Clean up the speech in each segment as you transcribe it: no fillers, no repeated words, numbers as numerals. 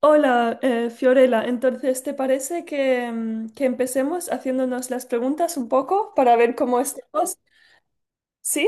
Hola, Fiorella. Entonces, ¿te parece que empecemos haciéndonos las preguntas un poco para ver cómo estamos? ¿Sí?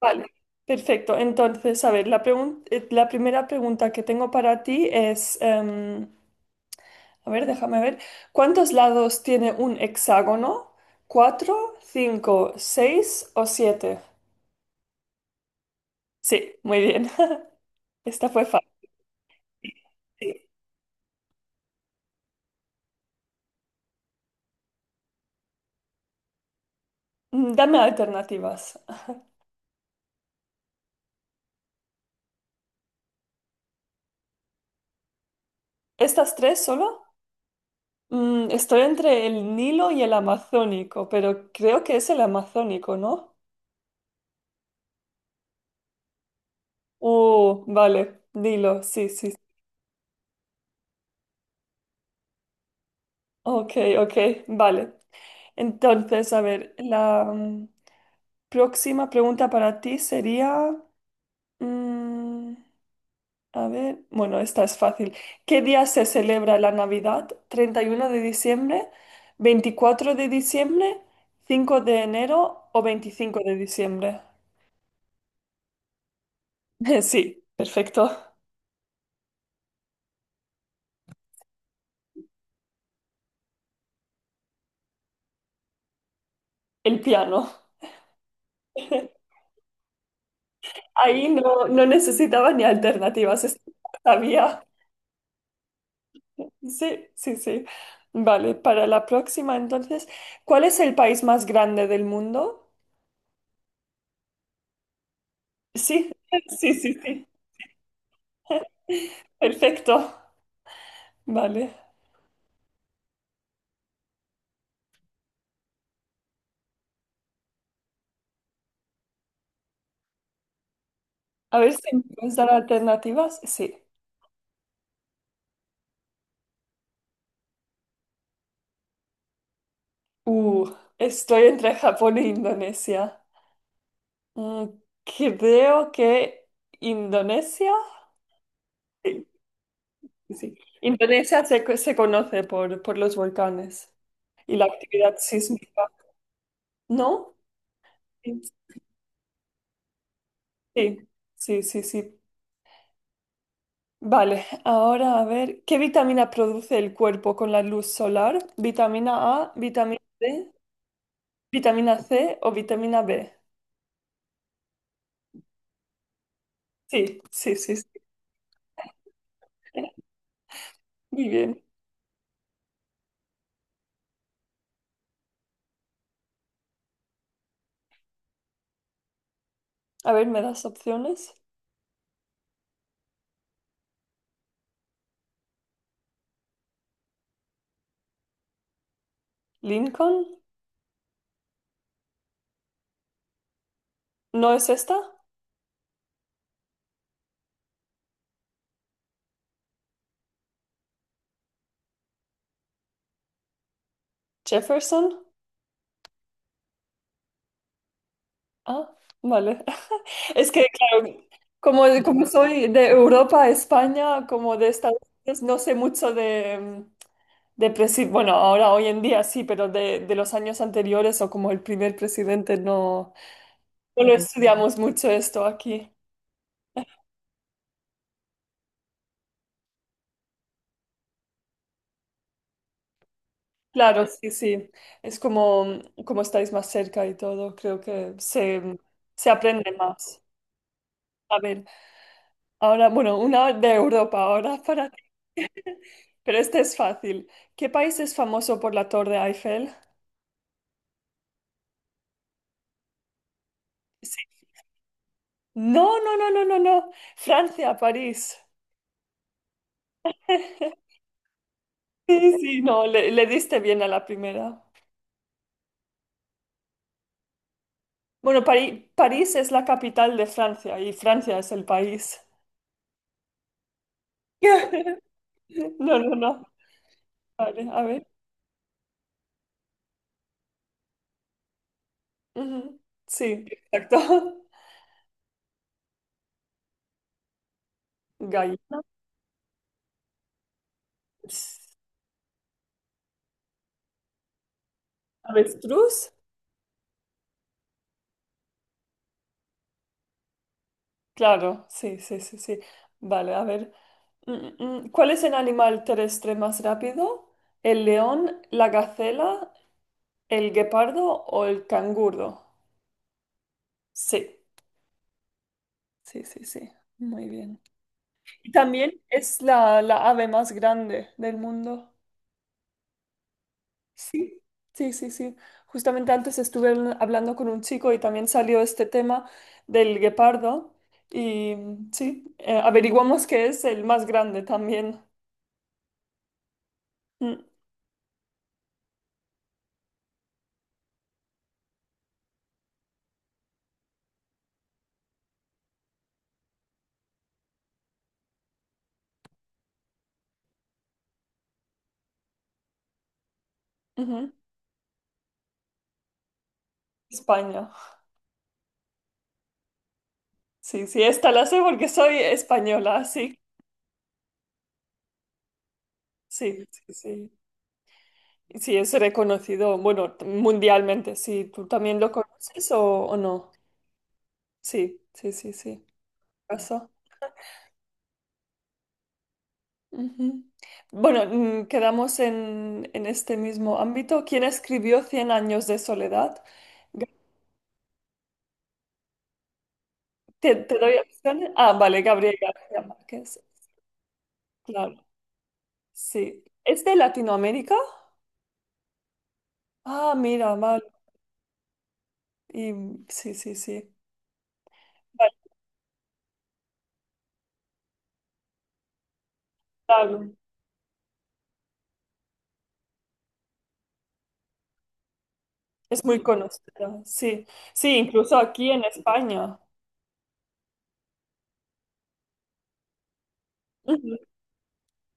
Vale, perfecto. Entonces, a ver, la primera pregunta que tengo para ti es, a ver, déjame ver, ¿cuántos lados tiene un hexágono? ¿Cuatro, cinco, seis o siete? Sí, muy bien. Esta fue fácil. Dame alternativas. ¿Estas tres solo? Estoy entre el Nilo y el Amazónico, pero creo que es el Amazónico, ¿no? Vale, Nilo, sí, sí. Ok, ok, vale. Entonces, a ver, próxima pregunta para ti sería, mm, a ver, bueno, esta es fácil. ¿Qué día se celebra la Navidad? ¿31 de diciembre, 24 de diciembre, 5 de enero o 25 de diciembre? Sí, perfecto. El piano. Ahí no, no necesitaba ni alternativas, es- sabía. Sí, sí, sí. Vale, para la próxima entonces, ¿cuál es el país más grande del mundo? Sí, sí, sí, sí. Perfecto. Vale. A ver si me puedes dar alternativas. Sí. Uh, Estoy entre Japón e Indonesia. Mm, Creo que Indonesia. Sí, sí. Indonesia se conoce por los volcanes. Y la actividad sísmica, ¿no? Sí, sí, sí, sí. Vale, ahora a ver, ¿qué vitamina produce el cuerpo con la luz solar? ¿Vitamina A, vitamina D, vitamina C o vitamina B? Sí, sí, sí, sí. Muy bien. A ver, ¿me das opciones? ¿Lincoln? ¿No es esta? ¿Jefferson? Ah, vale. Es que, claro, como, como soy de Europa, España, como de Estados Unidos, no sé mucho de. Bueno, ahora hoy en día sí, pero de los años anteriores o como el primer presidente no, no lo estudiamos mucho esto aquí. Claro, sí, sí. Es como, como estáis más cerca y todo, creo que se aprende más. A ver, ahora, bueno, una de Europa, ahora para ti. Pero este es fácil. ¿Qué país es famoso por la Torre Eiffel? Sí. No, no, no, no, no, no. Francia, París. Sí, sí, no, le diste bien a la primera. Bueno, Pari- París es la capital de Francia y Francia es el país. No, no, no. Vale, a ver. Ujú. Sí, exacto. Gallina. Avestruz. Claro, sí, sí, sí, sí. Vale, a ver. Mm, ¿Cuál es el animal terrestre más rápido? ¿El león, la gacela, el guepardo o el canguro? Sí, sí, sí, sí. Muy bien. Y también es la, la ave más grande del mundo. Sí, sí, sí, sí. Justamente antes estuve hablando con un chico y también salió este tema del guepardo. Y sí, averiguamos que es el más grande también. Mm, ujú. España. Sí, sí, esta la sé porque soy española, sí, sí, sí, sí. Sí, es reconocido, bueno, mundialmente, sí. ¿Tú también lo conoces o no? Sí, sí, sí, sí. Pasó. Ujú. Bueno, quedamos en este mismo ámbito. ¿Quién escribió Cien años de soledad? Ga- ¿te doy opciones? Ah, vale, Gabriel García Márquez. Claro, sí. ¿Es de Latinoamérica? Ah, mira, vale. Y, sí, sí, sí. Vale, claro. Es muy conocido, sí. Sí, incluso aquí en España. Ujú.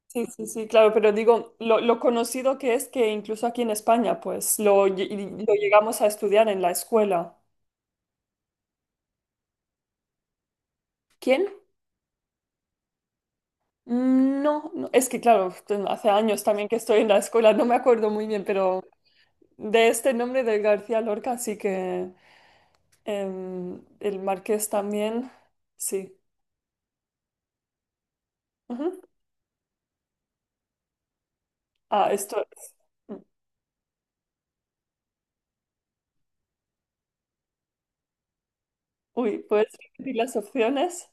Sí, sí, sí, claro, pero digo, lo conocido que es que incluso aquí en España, pues lo, lo llegamos a estudiar en la escuela. ¿Quién? No, no, es que claro, hace años también que estoy en la escuela, no me acuerdo muy bien, pero de este nombre de García Lorca sí que el Marqués también, sí. Ujú. Ah, esto es. mm, Uy, ¿puedes repetir las opciones?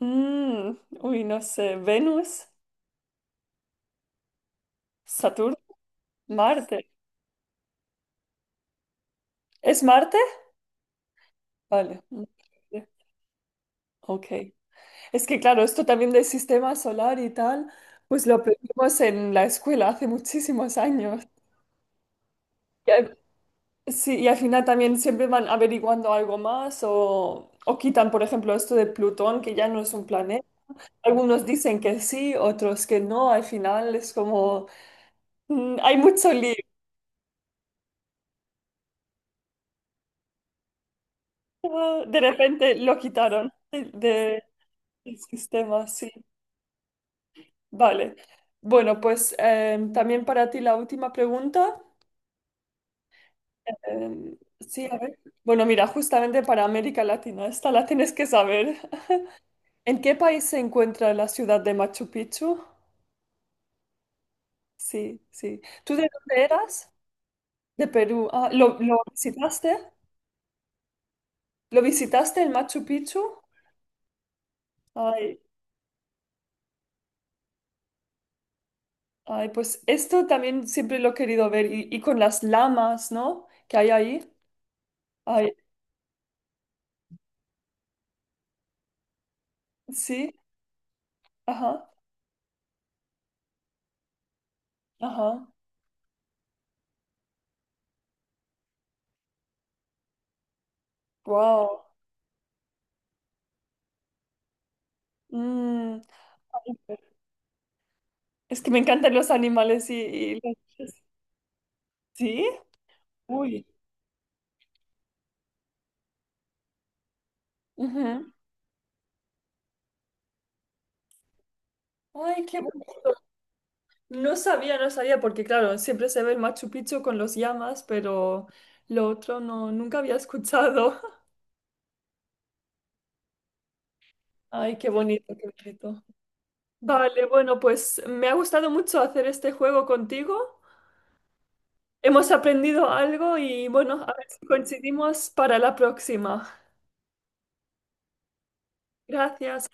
Mm, Uy, no sé. Venus, Saturno, Marte. ¿Es Marte? Vale. Marte. Ok. Es que claro, esto también del sistema solar y tal, pues lo aprendimos en la escuela hace muchísimos años. Y al, sí, y al final también siempre van averiguando algo más o quitan, por ejemplo, esto de Plutón, que ya no es un planeta. Algunos dicen que sí, otros que no. Al final es como, hay mucho lío. Ah, de repente lo quitaron del sistema, sí. Vale. Bueno, pues también para ti la última pregunta. Sí, a ver. Bueno, mira, justamente para América Latina, esta la tienes que saber. ¿En qué país se encuentra la ciudad de Machu Picchu? Sí, sí. ¿Tú de dónde eras? De Perú. Ah, ¿lo visitaste? ¿Lo visitaste en Machu Picchu? Ay, ay, pues esto también siempre lo he querido ver y con las lamas, ¿no? Que hay ahí. Ay, sí, ajá, ajá, wow. Mm, Ay, es que me encantan los animales y los- ¿Sí? Uy. Ujú. Ay, qué bonito. No sabía, no sabía, porque claro, siempre se ve el Machu Picchu con los llamas, pero lo otro no, nunca había escuchado. Ay, qué bonito, qué bonito. Vale, bueno, pues me ha gustado mucho hacer este juego contigo. Hemos aprendido algo y bueno, a ver si coincidimos para la próxima. Gracias.